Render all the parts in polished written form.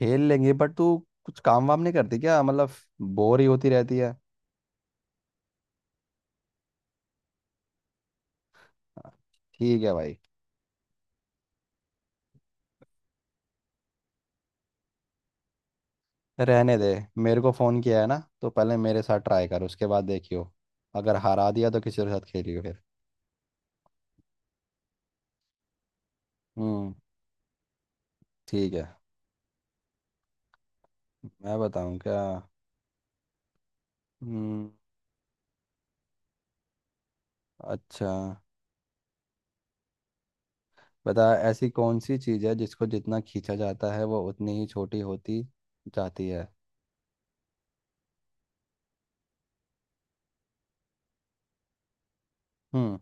खेल लेंगे बट तू कुछ काम वाम नहीं करती क्या। मतलब बोर ही होती रहती है। ठीक है भाई। रहने दे। मेरे को फ़ोन किया है ना, तो पहले मेरे साथ ट्राई कर, उसके बाद देखियो। अगर हरा दिया तो किसी के साथ खेलियो फिर। हम्म। ठीक है। मैं बताऊं क्या? हम्म। अच्छा, बता ऐसी कौन सी चीज़ है जिसको जितना खींचा जाता है वो उतनी ही छोटी होती जाती है। हम्म।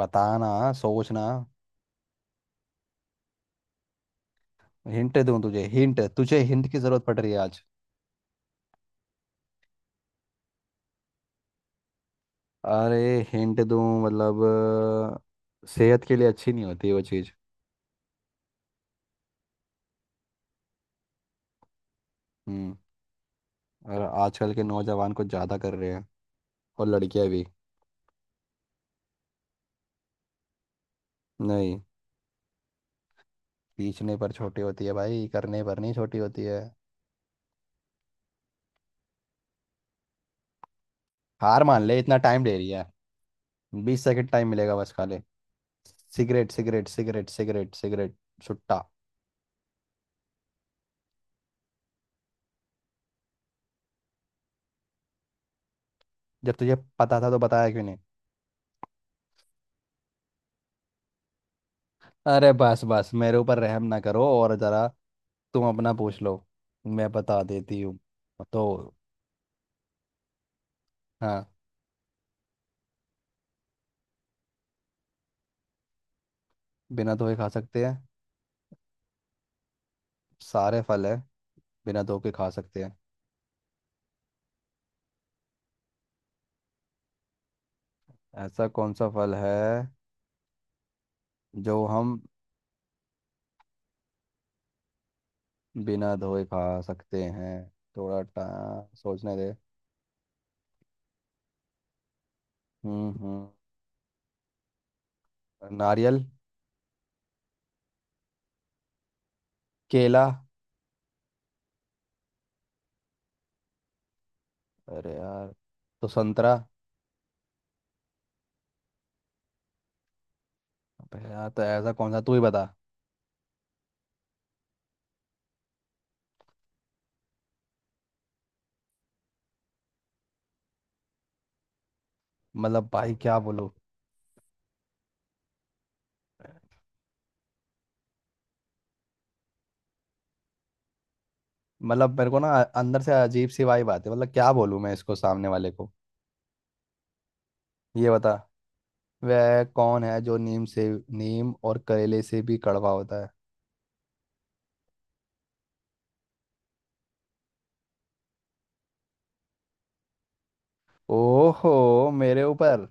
बताना। सोचना। हिंट दूं? तुझे हिंट, तुझे हिंट की ज़रूरत पड़ रही है आज? अरे हिंट दूँ मतलब। सेहत के लिए अच्छी नहीं होती वो चीज़। हम्म। और आजकल के नौजवान कुछ ज़्यादा कर रहे हैं। और लड़कियां भी। नहीं, पीछने पर छोटी होती है भाई, करने पर नहीं छोटी होती है। हार मान ले, इतना टाइम ले रही है। बीस सेकंड टाइम मिलेगा बस खाली। Cigarette cigarette cigarette cigarette cigarette. सुट्टा। जब तुझे पता था तो बताया क्यों नहीं? अरे बस बस, मेरे ऊपर रहम ना करो और ज़रा। तुम अपना पूछ लो। मैं बता देती हूँ। तो। हाँ। बिना धोए खा सकते हैं? सारे फल है बिना धो के खा सकते हैं। ऐसा कौन सा फल है जो हम बिना धोए खा सकते हैं? थोड़ा टा सोचने दे। हम्म। नारियल। केला। अरे यार, तो संतरा। अबे यार तो ऐसा कौन सा, तू ही बता। मतलब भाई क्या बोलूं। मतलब मेरे को ना अंदर से अजीब सी वाई बात है, मतलब क्या बोलूं मैं इसको, सामने वाले को। ये बता, वह कौन है जो नीम से, नीम और करेले से भी कड़वा होता है? ओहो मेरे ऊपर।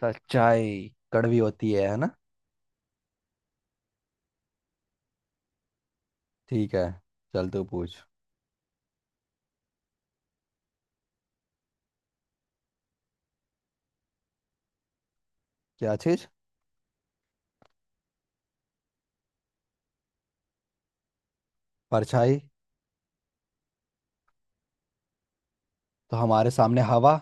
सच्चाई कड़वी होती है ना। ठीक है, चल तू पूछ। क्या चीज? परछाई। तो हमारे सामने हवा।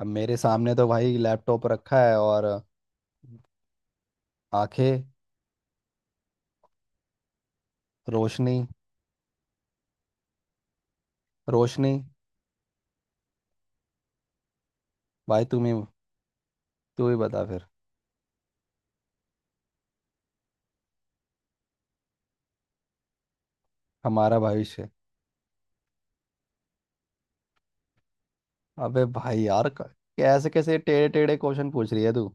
अब मेरे सामने तो भाई लैपटॉप रखा है और। आंखें। रोशनी। रोशनी। भाई तुम ही, तू ही बता फिर। हमारा भविष्य। अबे भाई यार, कैसे कैसे टेढ़े टेढ़े क्वेश्चन पूछ रही है तू।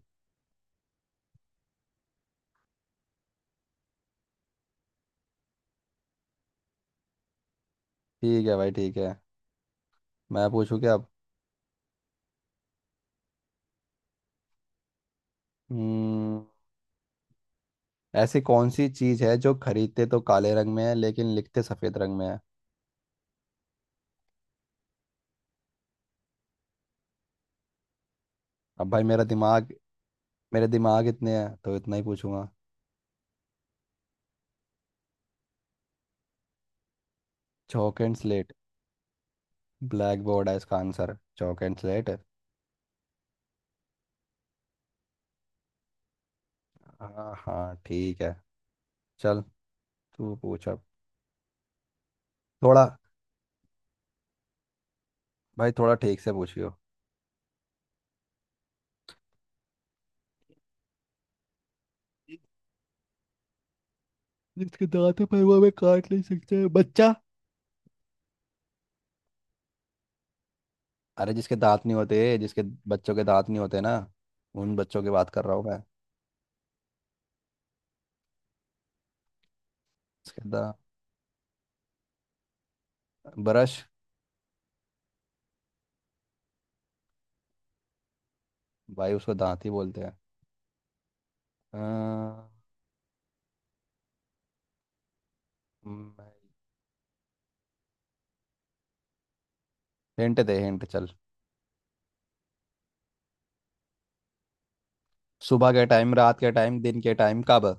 ठीक है भाई, ठीक है। मैं पूछूं क्या अब? हम्म, ऐसी कौन सी चीज है जो खरीदते तो काले रंग में है लेकिन लिखते सफेद रंग में है? अब भाई मेरा दिमाग, मेरे दिमाग इतने हैं तो इतना ही पूछूंगा। Chalk and slate? Blackboard है, इसका आंसर चौक एंड स्लेट है। हाँ हाँ ठीक है। चल तू पूछ अब। थोड़ा, भाई थोड़ा ठीक से पूछियो। जिसके दांत है पर वो हमें काट नहीं सकते, बच्चा। अरे जिसके दांत नहीं होते, जिसके बच्चों के दांत नहीं होते ना, उन बच्चों की बात कर रहा हूँ मैं। जिसके दांत, ब्रश। भाई उसको दांत ही बोलते हैं। हिंट दे हिंट, चल। सुबह के टाइम, रात के टाइम, दिन के टाइम, कब?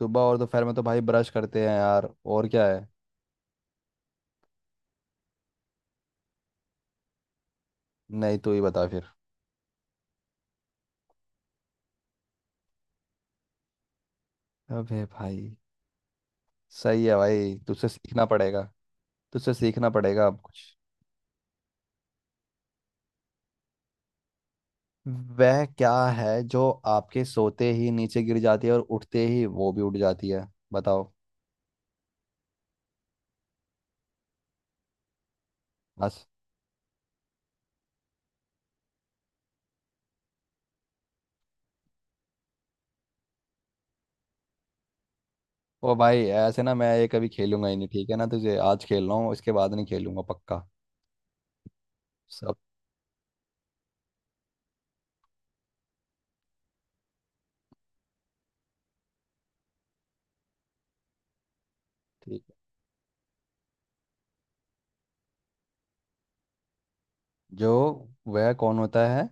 सुबह और दोपहर में तो भाई ब्रश करते हैं यार, और क्या है? नहीं तू ही बता फिर। अबे भाई। सही है भाई, तुझसे सीखना पड़ेगा। तुझसे सीखना पड़ेगा अब कुछ। वह क्या है जो आपके सोते ही नीचे गिर जाती है और उठते ही वो भी उठ जाती है, बताओ? बस। ओ भाई, ऐसे ना मैं ये कभी खेलूंगा ही नहीं, ठीक है ना। तुझे आज खेल रहा हूँ, इसके बाद नहीं खेलूंगा पक्का। सब। ठीक है, जो वह कौन होता है।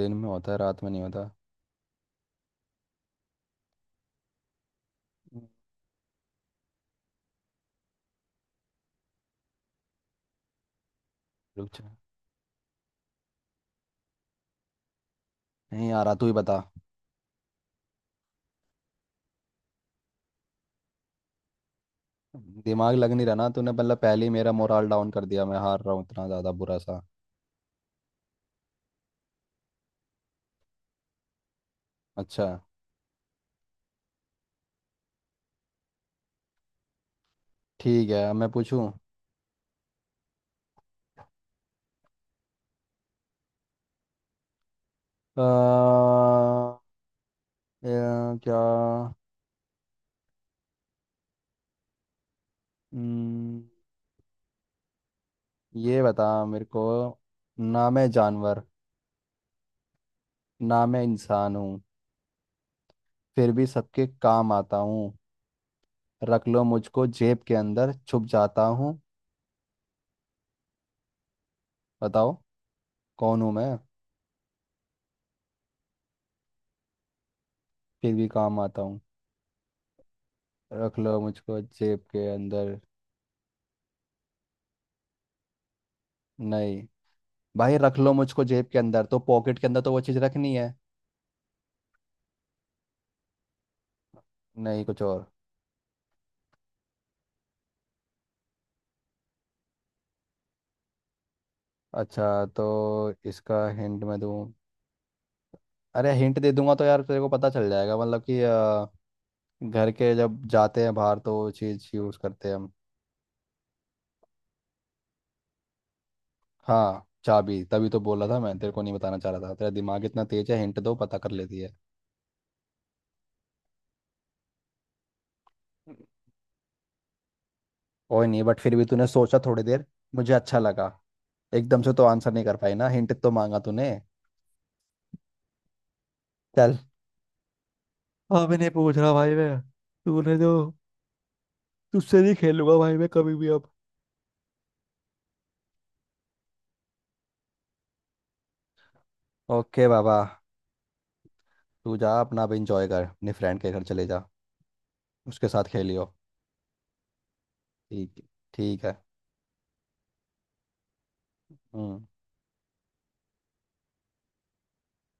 दिन में होता है रात में नहीं होता। रुक जा। नहीं आ रहा, तू ही बता। दिमाग लग नहीं रहा ना, तूने मतलब पहले ही मेरा मोराल डाउन कर दिया। मैं हार रहा हूँ इतना ज़्यादा बुरा सा। अच्छा। ठीक है अब मैं पूछूं। अ, क्या। हम्म, ये बता मेरे को। ना मैं जानवर, ना मैं इंसान हूँ। फिर भी सबके काम आता हूँ। रख लो मुझको जेब के अंदर छुप जाता हूँ। बताओ, कौन हूँ मैं? फिर भी काम आता हूँ, रख लो मुझको जेब के अंदर। नहीं। भाई रख लो मुझको जेब के अंदर तो पॉकेट के अंदर तो वो चीज़ रखनी है। नहीं, कुछ और। अच्छा तो इसका हिंट मैं दूँ। अरे हिंट दे दूंगा तो यार तेरे को पता चल जाएगा, मतलब कि घर के जब जाते हैं बाहर तो वो चीज़ यूज़ करते हैं हम। हाँ चाबी, तभी तो बोला था मैं तेरे को नहीं बताना चाह रहा था, तेरा दिमाग इतना तेज है, हिंट दो पता कर लेती है। कोई नहीं, बट फिर भी तूने सोचा थोड़ी देर। मुझे अच्छा लगा। एकदम से तो आंसर नहीं कर पाई ना, हिंट तो मांगा तूने। चल। अभी नहीं पूछ रहा भाई मैं, तूने जो। तुझसे नहीं खेलूंगा भाई मैं कभी भी अब। ओके बाबा। तू जा अपना अब, इंजॉय कर, अपने फ्रेंड के घर चले जा, उसके साथ खेलियो। ठीक, ठीक है। हम्म।